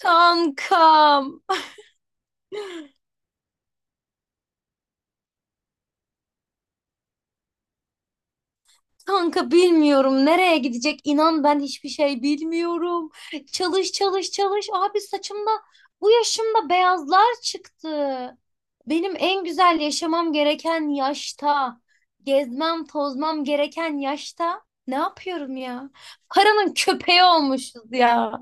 Kankam, kanka bilmiyorum nereye gidecek İnan, ben hiçbir şey bilmiyorum. Çalış çalış çalış abi saçımda bu yaşımda beyazlar çıktı. Benim en güzel yaşamam gereken yaşta, gezmem tozmam gereken yaşta ne yapıyorum ya? Paranın köpeği olmuşuz ya.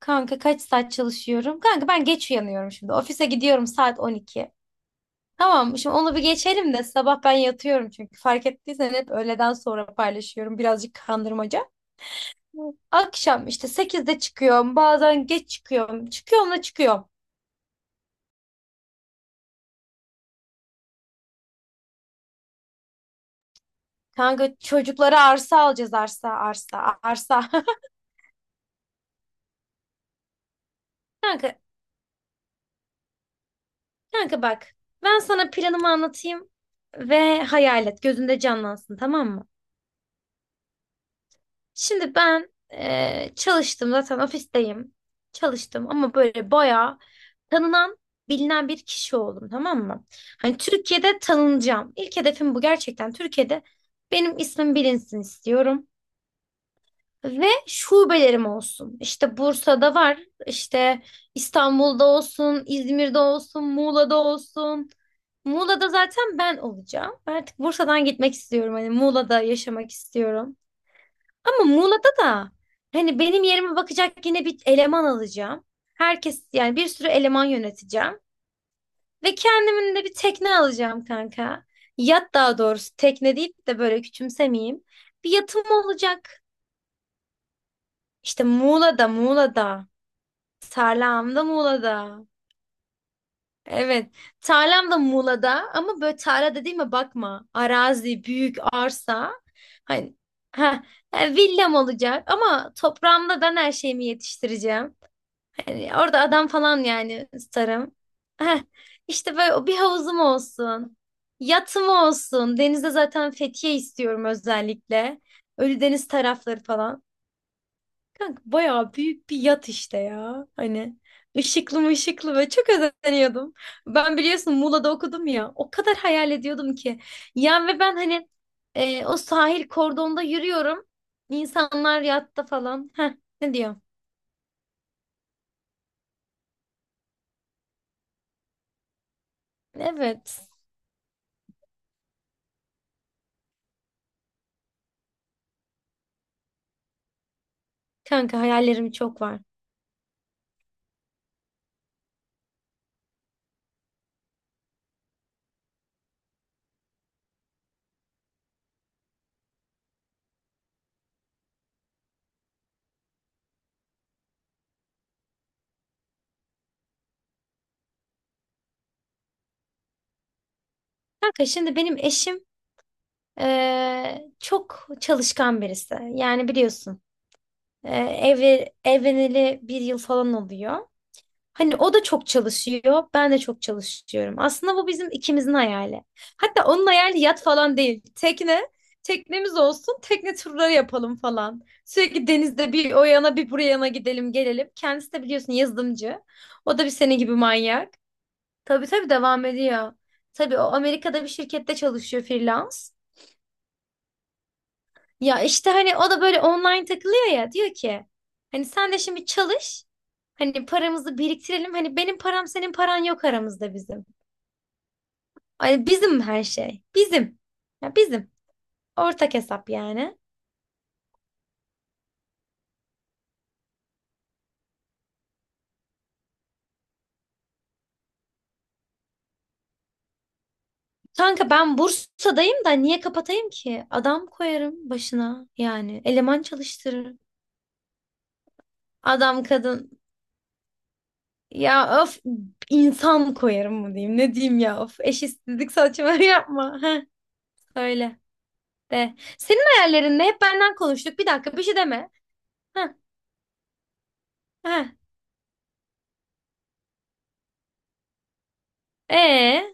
Kanka kaç saat çalışıyorum? Kanka ben geç uyanıyorum şimdi. Ofise gidiyorum saat 12. Tamam, şimdi onu bir geçelim de sabah ben yatıyorum çünkü fark ettiysen hep öğleden sonra paylaşıyorum birazcık kandırmaca. Akşam işte sekizde çıkıyorum bazen geç çıkıyorum çıkıyorum da çıkıyorum. Kanka çocuklara arsa alacağız arsa arsa arsa. Kanka, kanka bak ben sana planımı anlatayım ve hayal et gözünde canlansın tamam mı? Şimdi ben çalıştım zaten ofisteyim. Çalıştım ama böyle bayağı tanınan, bilinen bir kişi oldum tamam mı? Hani Türkiye'de tanınacağım. İlk hedefim bu gerçekten. Türkiye'de benim ismim bilinsin istiyorum. Ve şubelerim olsun. İşte Bursa'da var, işte İstanbul'da olsun, İzmir'de olsun, Muğla'da olsun. Muğla'da zaten ben olacağım. Ben artık Bursa'dan gitmek istiyorum. Hani Muğla'da yaşamak istiyorum. Ama Muğla'da da hani benim yerime bakacak yine bir eleman alacağım. Herkes yani bir sürü eleman yöneteceğim. Ve kendimin de bir tekne alacağım kanka. Yat daha doğrusu tekne deyip de böyle küçümsemeyeyim. Bir yatım olacak. İşte Muğla'da, Muğla'da. Tarlam da Muğla'da. Evet. Tarlam da Muğla'da ama böyle tarla dediğime bakma. Arazi, büyük arsa. Hani ha villam olacak ama toprağımda ben her şeyimi yetiştireceğim. Yani orada adam falan yani isterim. Heh, işte böyle o bir havuzum olsun. Yatım olsun. Denize zaten Fethiye istiyorum özellikle. Ölüdeniz tarafları falan. Kanka bayağı büyük bir yat işte ya. Hani ışıklı mı ışıklı ve çok özeniyordum. Ben biliyorsun Muğla'da okudum ya. O kadar hayal ediyordum ki. Yani ve ben hani o sahil kordonda yürüyorum. İnsanlar yatta falan. Heh, ne diyor? Evet. Kanka hayallerim çok var. Kanka şimdi benim eşim çok çalışkan birisi. Yani biliyorsun eee, evli, evleneli bir yıl falan oluyor. Hani o da çok çalışıyor, ben de çok çalışıyorum. Aslında bu bizim ikimizin hayali. Hatta onun hayali yat falan değil. Teknemiz olsun, tekne turları yapalım falan. Sürekli denizde bir o yana bir buraya yana gidelim gelelim. Kendisi de biliyorsun yazılımcı. O da bir senin gibi manyak. Tabii tabii devam ediyor. Tabii o Amerika'da bir şirkette çalışıyor freelance. Ya işte hani o da böyle online takılıyor ya diyor ki hani sen de şimdi çalış hani paramızı biriktirelim hani benim param senin paran yok aramızda bizim. Ay bizim her şey bizim ya bizim ortak hesap yani. Kanka ben Bursa'dayım da niye kapatayım ki? Adam koyarım başına yani eleman çalıştırırım. Adam kadın ya of insan koyarım mı diyeyim ne diyeyim ya of eşitsizlik saçma yapma. Heh, öyle. De. Senin hayallerinde hep benden konuştuk. Bir dakika bir şey deme. Heh, heh. Ee,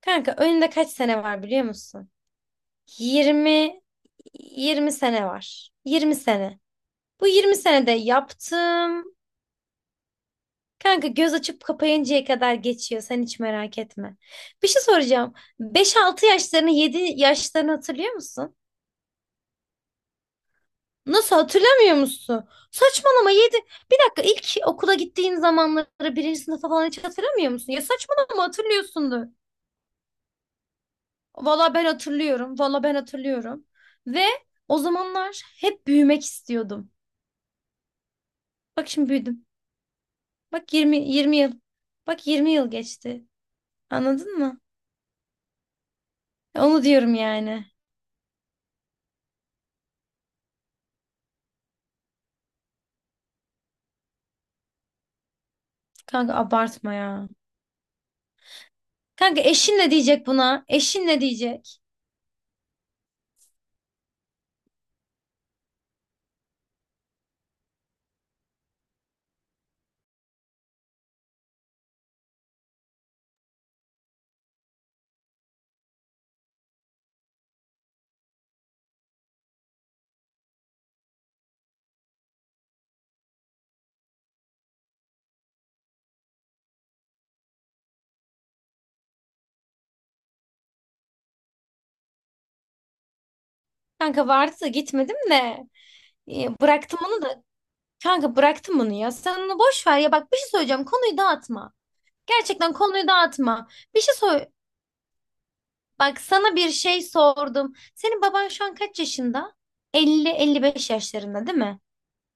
kanka önünde kaç sene var biliyor musun? 20 20 sene var. Yirmi sene. Bu 20 senede yaptım. Kanka göz açıp kapayıncaya kadar geçiyor. Sen hiç merak etme. Bir şey soracağım. Beş altı yaşlarını 7 yaşlarını hatırlıyor musun? Nasıl hatırlamıyor musun? Saçmalama 7. Bir dakika ilk okula gittiğin zamanları birinci sınıfa falan hiç hatırlamıyor musun? Ya saçmalama hatırlıyorsundur. Valla ben hatırlıyorum. Valla ben hatırlıyorum. Ve o zamanlar hep büyümek istiyordum. Bak şimdi büyüdüm. Bak 20 yıl. Bak 20 yıl geçti. Anladın mı? Onu diyorum yani. Kanka abartma ya. Kanka eşin ne diyecek buna? Eşin ne diyecek? Kanka vardı da gitmedim de. E, bıraktım onu da. Kanka bıraktım bunu ya. Sen onu boş ver ya. Bak bir şey söyleyeceğim. Konuyu dağıtma. Gerçekten konuyu dağıtma. Bir şey sor. Bak sana bir şey sordum. Senin baban şu an kaç yaşında? 50-55 yaşlarında değil mi?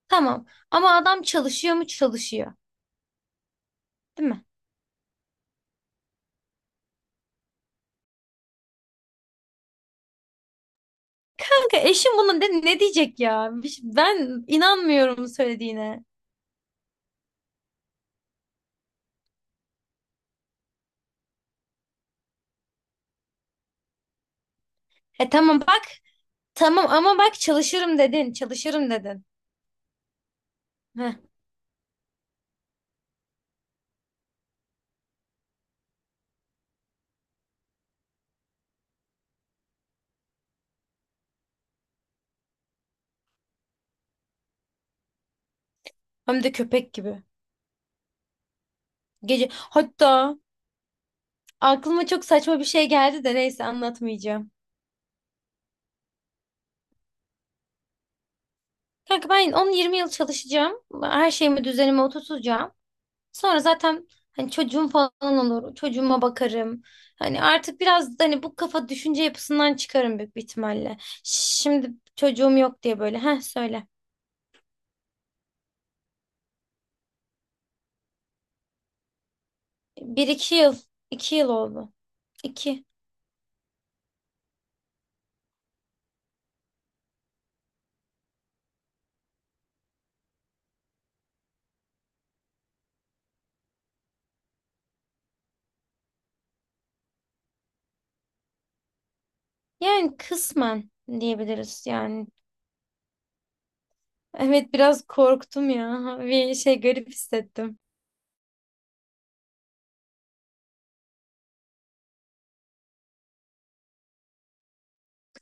Tamam. Ama adam çalışıyor mu? Çalışıyor. Değil mi? Kanka eşim buna ne diyecek ya? Ben inanmıyorum söylediğine. E tamam bak. Tamam ama bak çalışırım dedin. Çalışırım dedin. Heh, hem de köpek gibi. Gece hatta aklıma çok saçma bir şey geldi de neyse anlatmayacağım. Kanka ben 10-20 yıl çalışacağım. Her şeyimi düzenime oturtacağım. Sonra zaten hani çocuğum falan olur. Çocuğuma bakarım. Hani artık biraz hani bu kafa düşünce yapısından çıkarım büyük bir ihtimalle. Şimdi çocuğum yok diye böyle. Heh, söyle. Bir iki yıl. İki yıl oldu. İki. Yani kısmen diyebiliriz yani. Evet biraz korktum ya. Bir şey garip hissettim.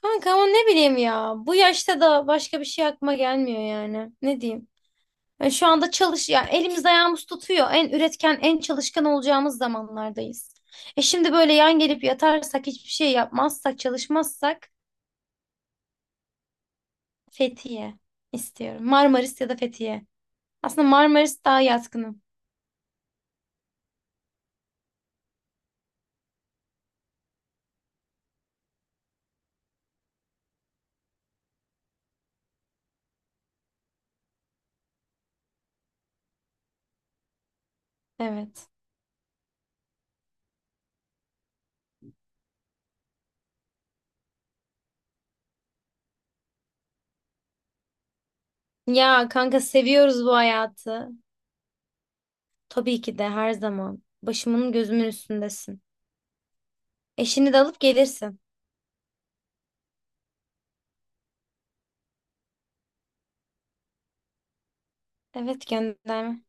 Kanka ama ne bileyim ya. Bu yaşta da başka bir şey aklıma gelmiyor yani. Ne diyeyim? E, şu anda çalış yani elimiz ayağımız tutuyor. En üretken, en çalışkan olacağımız zamanlardayız. E şimdi böyle yan gelip yatarsak, hiçbir şey yapmazsak, çalışmazsak Fethiye istiyorum. Marmaris ya da Fethiye. Aslında Marmaris daha yatkınım. Evet. Ya kanka seviyoruz bu hayatı. Tabii ki de her zaman. Başımın gözümün üstündesin. Eşini de alıp gelirsin. Evet gönderme.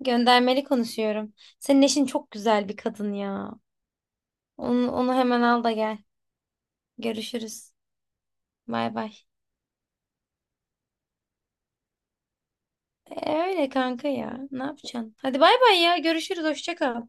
Göndermeli konuşuyorum. Senin eşin çok güzel bir kadın ya. Onu hemen al da gel. Görüşürüz. Bay bay. E, öyle kanka ya. Ne yapacaksın? Hadi bay bay ya. Görüşürüz. Hoşça kal.